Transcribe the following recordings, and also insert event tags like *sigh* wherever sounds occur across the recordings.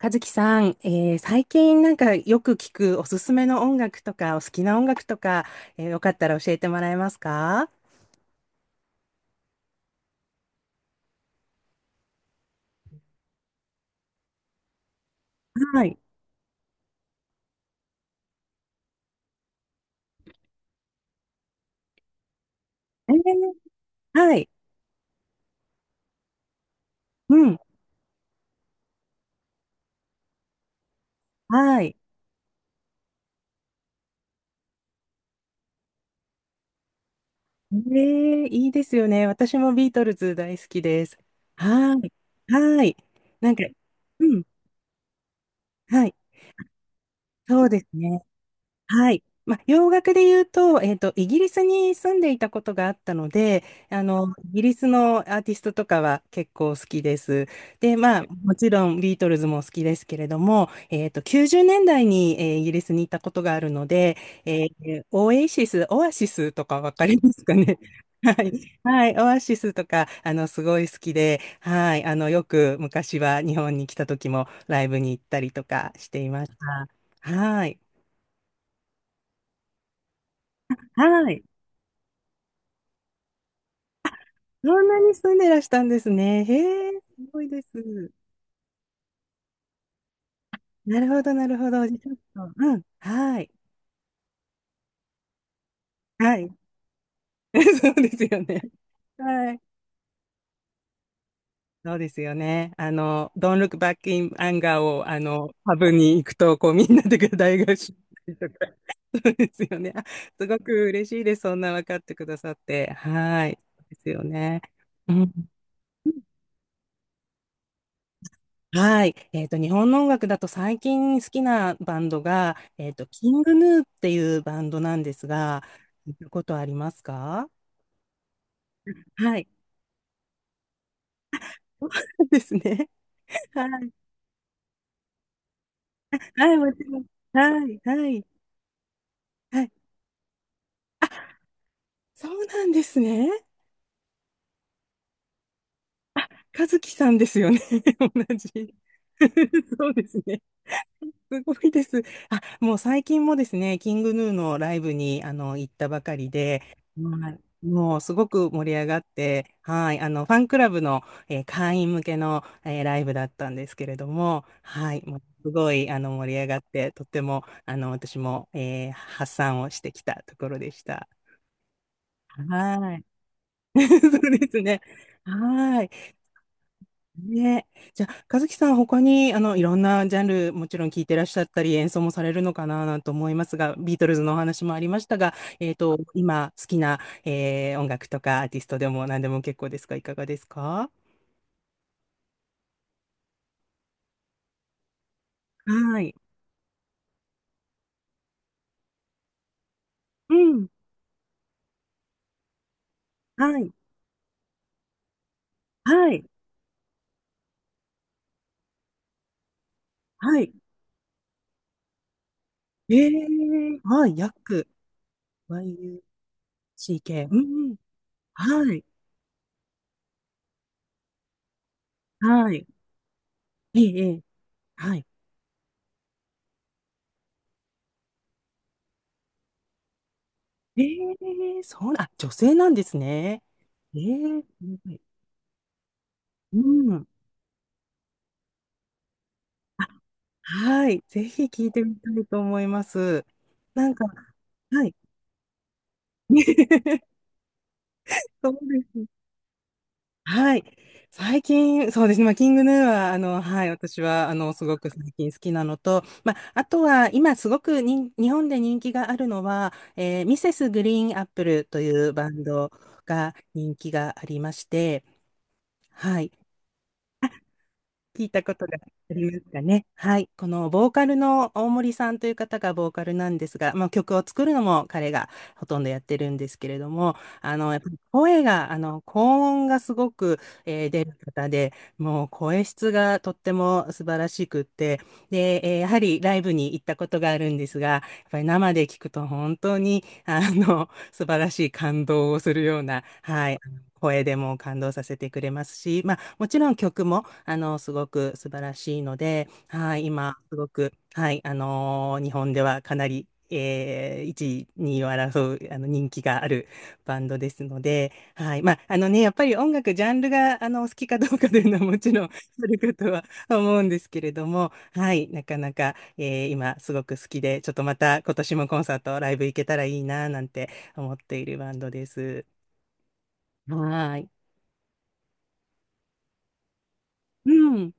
和樹さん、最近なんかよく聞くおすすめの音楽とか、お好きな音楽とか、よかったら教えてもらえますか？はい。えーはい。うん。はい。いいですよね。私もビートルズ大好きです。はい。はい。なんか、うん。はい。そうですね。はい。まあ、洋楽で言うと、イギリスに住んでいたことがあったので、イギリスのアーティストとかは結構好きです。で、まあ、もちろんビートルズも好きですけれども、90年代に、イギリスに行ったことがあるので、オエシス、オアシスとかわかりますかね。*laughs* はい。はい。オアシスとか、すごい好きで、はい。よく昔は日本に来た時もライブに行ったりとかしていました。はい。はい。そんなに住んでらしたんですね。へえ、すごいです。なるほど、なるほど。じゃあちょっと、うん、はい、はい。*laughs* そうですよね。はい。そうですよね。Don't Look Back in Anger を、パブに行くと、こう、みんなで *laughs* 大合唱したりとか。そうですよね。あ、すごく嬉しいです。そんな分かってくださって。はい。そうですよね。うん。はい。日本の音楽だと最近好きなバンドが、キングヌーっていうバンドなんですが、聞いたことありますか？はい。*laughs* そうなんですね。はい。はい、もちろん。はい、はい、はい。あ、そうなんですね。あ、和樹さんですよね。*laughs* 同じ。*laughs* そうですね。すごいです。*laughs* あ、もう最近もですね、キングヌーのライブに行ったばかりで、はい、もうすごく盛り上がって、はい、あのファンクラブの、会員向けの、ライブだったんですけれども、はい、もうすごいあの盛り上がって、とってもあの私も、発散をしてきたところでした。はい、*laughs* そうですね。はい。ね。じゃあ、和樹さん、他に、いろんなジャンル、もちろん聞いてらっしゃったり、演奏もされるのかな、なんて思いますが、ビートルズのお話もありましたが、今、好きな、音楽とか、アーティストでも何でも結構ですが、いかがですか？はい。うん。はい。はい。はい。えー、はい。ヤック。YUCK。うんうん。はい。はい。ええ、ええ、はい。えー、そうな、あ、女性なんですね。えー、はい、うん。はい、ぜひ聞いてみたいと思います。なんか、はい。*laughs* そうですね。はい。最近、そうですね。まあ、キングヌーは、はい、私は、すごく最近好きなのと、まあ、あとは、今、すごくに、日本で人気があるのは、ミセスグリーンアップルというバンドが人気がありまして、はい。聞いたことがありますかね。はい。このボーカルの大森さんという方がボーカルなんですが、まあ、曲を作るのも彼がほとんどやってるんですけれども、やっぱり声が、高音がすごく、出る方で、もう声質がとっても素晴らしくって、で、やはりライブに行ったことがあるんですが、やっぱり生で聞くと本当に、素晴らしい感動をするような、はい。声でも感動させてくれますし、まあ、もちろん曲も、すごく素晴らしいので、はい、今、すごく、はい、日本ではかなり、1位、2位を争う、人気があるバンドですので、はい、まあ、あのね、やっぱり音楽、ジャンルが、お好きかどうかというのはもちろん *laughs*、あるかとは思うんですけれども、はい、なかなか、今、すごく好きで、ちょっとまた、今年もコンサート、ライブ行けたらいいな、なんて思っているバンドです。はい。うん。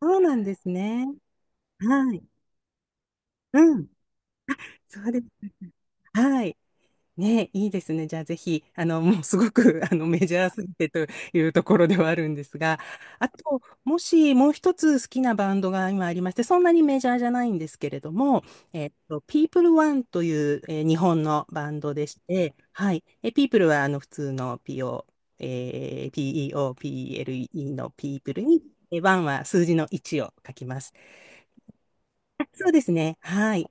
そうなんですね。はい。うん。そうです。はい。ね、いいですね。じゃあぜひ、もうすごく、メジャーすぎてというところではあるんですが、あと、もしもう一つ好きなバンドが今ありまして、そんなにメジャーじゃないんですけれども、People One という、日本のバンドでして、はい。え、People は、普通の PO、えー PEOPLE の People に、え、1は数字の1を書きます。そうですね。はい。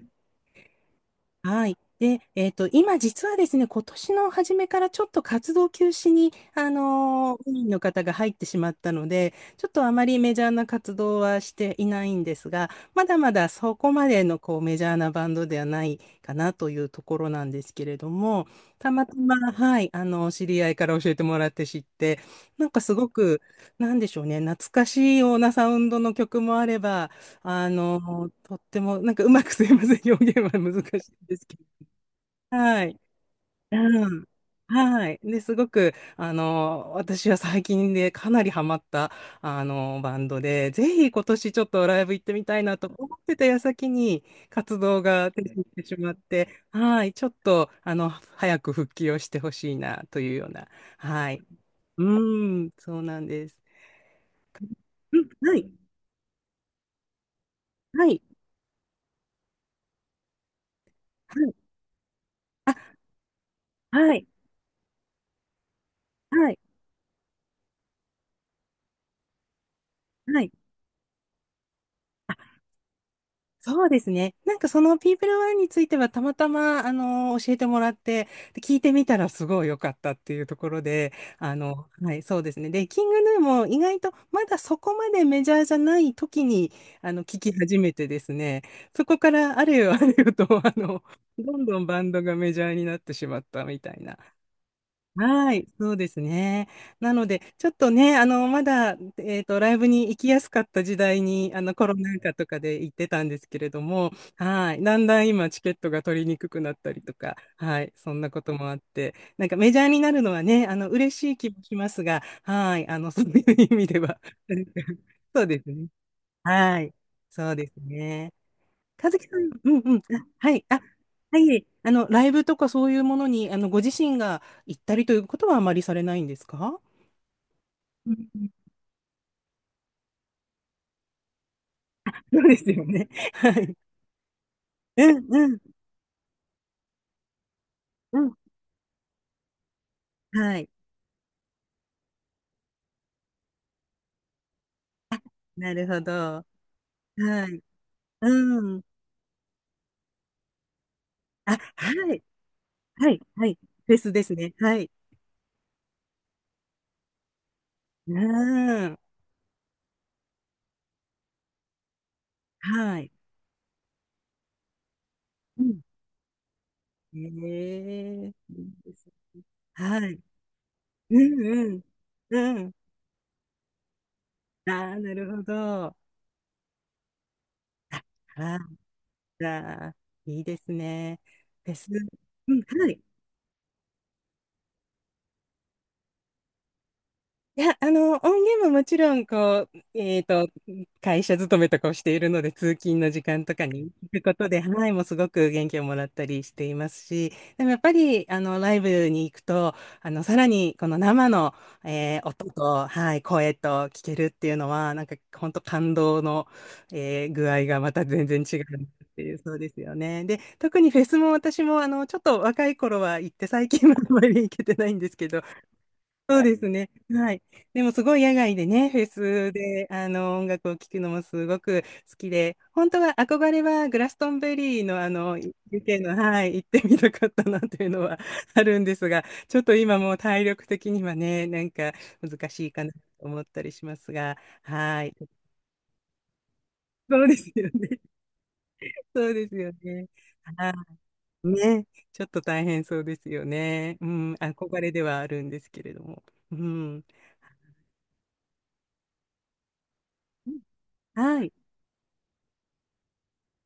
はい。で、今実はですね、今年の初めからちょっと活動休止に、委員の方が入ってしまったので、ちょっとあまりメジャーな活動はしていないんですが、まだまだそこまでのこうメジャーなバンドではないかなというところなんですけれども、たまたま、はい、知り合いから教えてもらって知って、なんかすごく、なんでしょうね、懐かしいようなサウンドの曲もあれば、とっても、なんかうまくすいません、表現は難しいんですけど。はい。うん。はい。で、すごく、私は最近でかなりハマった、バンドで、ぜひ今年ちょっとライブ行ってみたいなと思ってた矢先に活動が停止してしまって、はい。ちょっと、早く復帰をしてほしいな、というような。はい。うん、そうなんです。うん、はい。はい。はい。はい。はい。はい。そうですね。なんかそのピープルワンについてはたまたま、教えてもらって、で聞いてみたらすごい良かったっていうところで、はい、そうですね。で、キングヌーも意外とまだそこまでメジャーじゃない時に、聞き始めてですね、そこからあれよあれよと、どんどんバンドがメジャーになってしまったみたいな。はい、そうですね。なので、ちょっとね、まだ、ライブに行きやすかった時代に、コロナ禍とかで行ってたんですけれども、はい、だんだん今、チケットが取りにくくなったりとか、はい、そんなこともあって、なんかメジャーになるのはね、嬉しい気もしますが、はい、そういう意味では、なんか、そうですね。はい、そうですね。和樹さん、うんうん、あ、はい、あ、はい、ライブとかそういうものに、ご自身が行ったりということはあまりされないんですか？うんうん、そうですよね。はい。うんうん、うん。はい。なるほど。はい。うん。あ、はい。はい。はい。フェスですね。はい。うん。はい。うん。ええ、いいですね。はい。うんうん。うん。ああ、なるほど。あ、はい。ああ、いいですね。フェス、うん、はい。いや、音源ももちろん、こう、会社勤めとかをしているので、通勤の時間とかに聞くことで、はい、もうすごく元気をもらったりしていますし、でもやっぱり、ライブに行くと、さらに、この生の、音と、はい、声と聞けるっていうのは、なんか、本当感動の、具合がまた全然違うっていう、そうですよね。で、特にフェスも私も、ちょっと若い頃は行って、最近はあんまり行けてないんですけど、そうですね。はい。でもすごい野外でね、フェスで、音楽を聴くのもすごく好きで、本当は憧れはグラストンベリーのあの、UK の、はい、行ってみたかったなっていうのはあるんですが、ちょっと今もう体力的にはね、なんか難しいかなと思ったりしますが、はい。そうですよね。*laughs* そうですよね。あ、ね。ちょっと大変そうですよね。うん、憧れではあるんですけれども。うん。はい。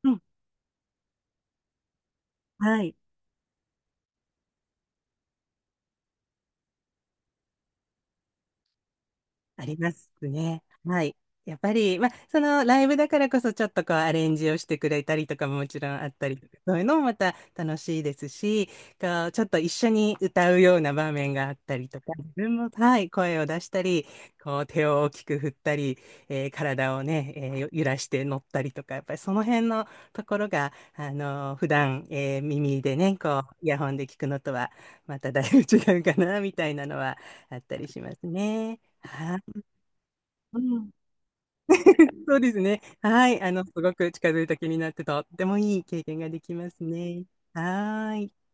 うん、はい。ありますね。はい。やっぱり、まあ、そのライブだからこそちょっとこうアレンジをしてくれたりとかももちろんあったりとか、そういうのもまた楽しいですし、こうちょっと一緒に歌うような場面があったりとか、自分も、はい、声を出したり、こう手を大きく振ったり、体をね、揺らして乗ったりとか、やっぱりその辺のところが、あの普段、耳でね、こうイヤホンで聞くのとはまただいぶ違うかな、みたいなのはあったりしますね。はい。うん、そうですね。はい。すごく近づいた気になって、とってもいい経験ができますね。はーい。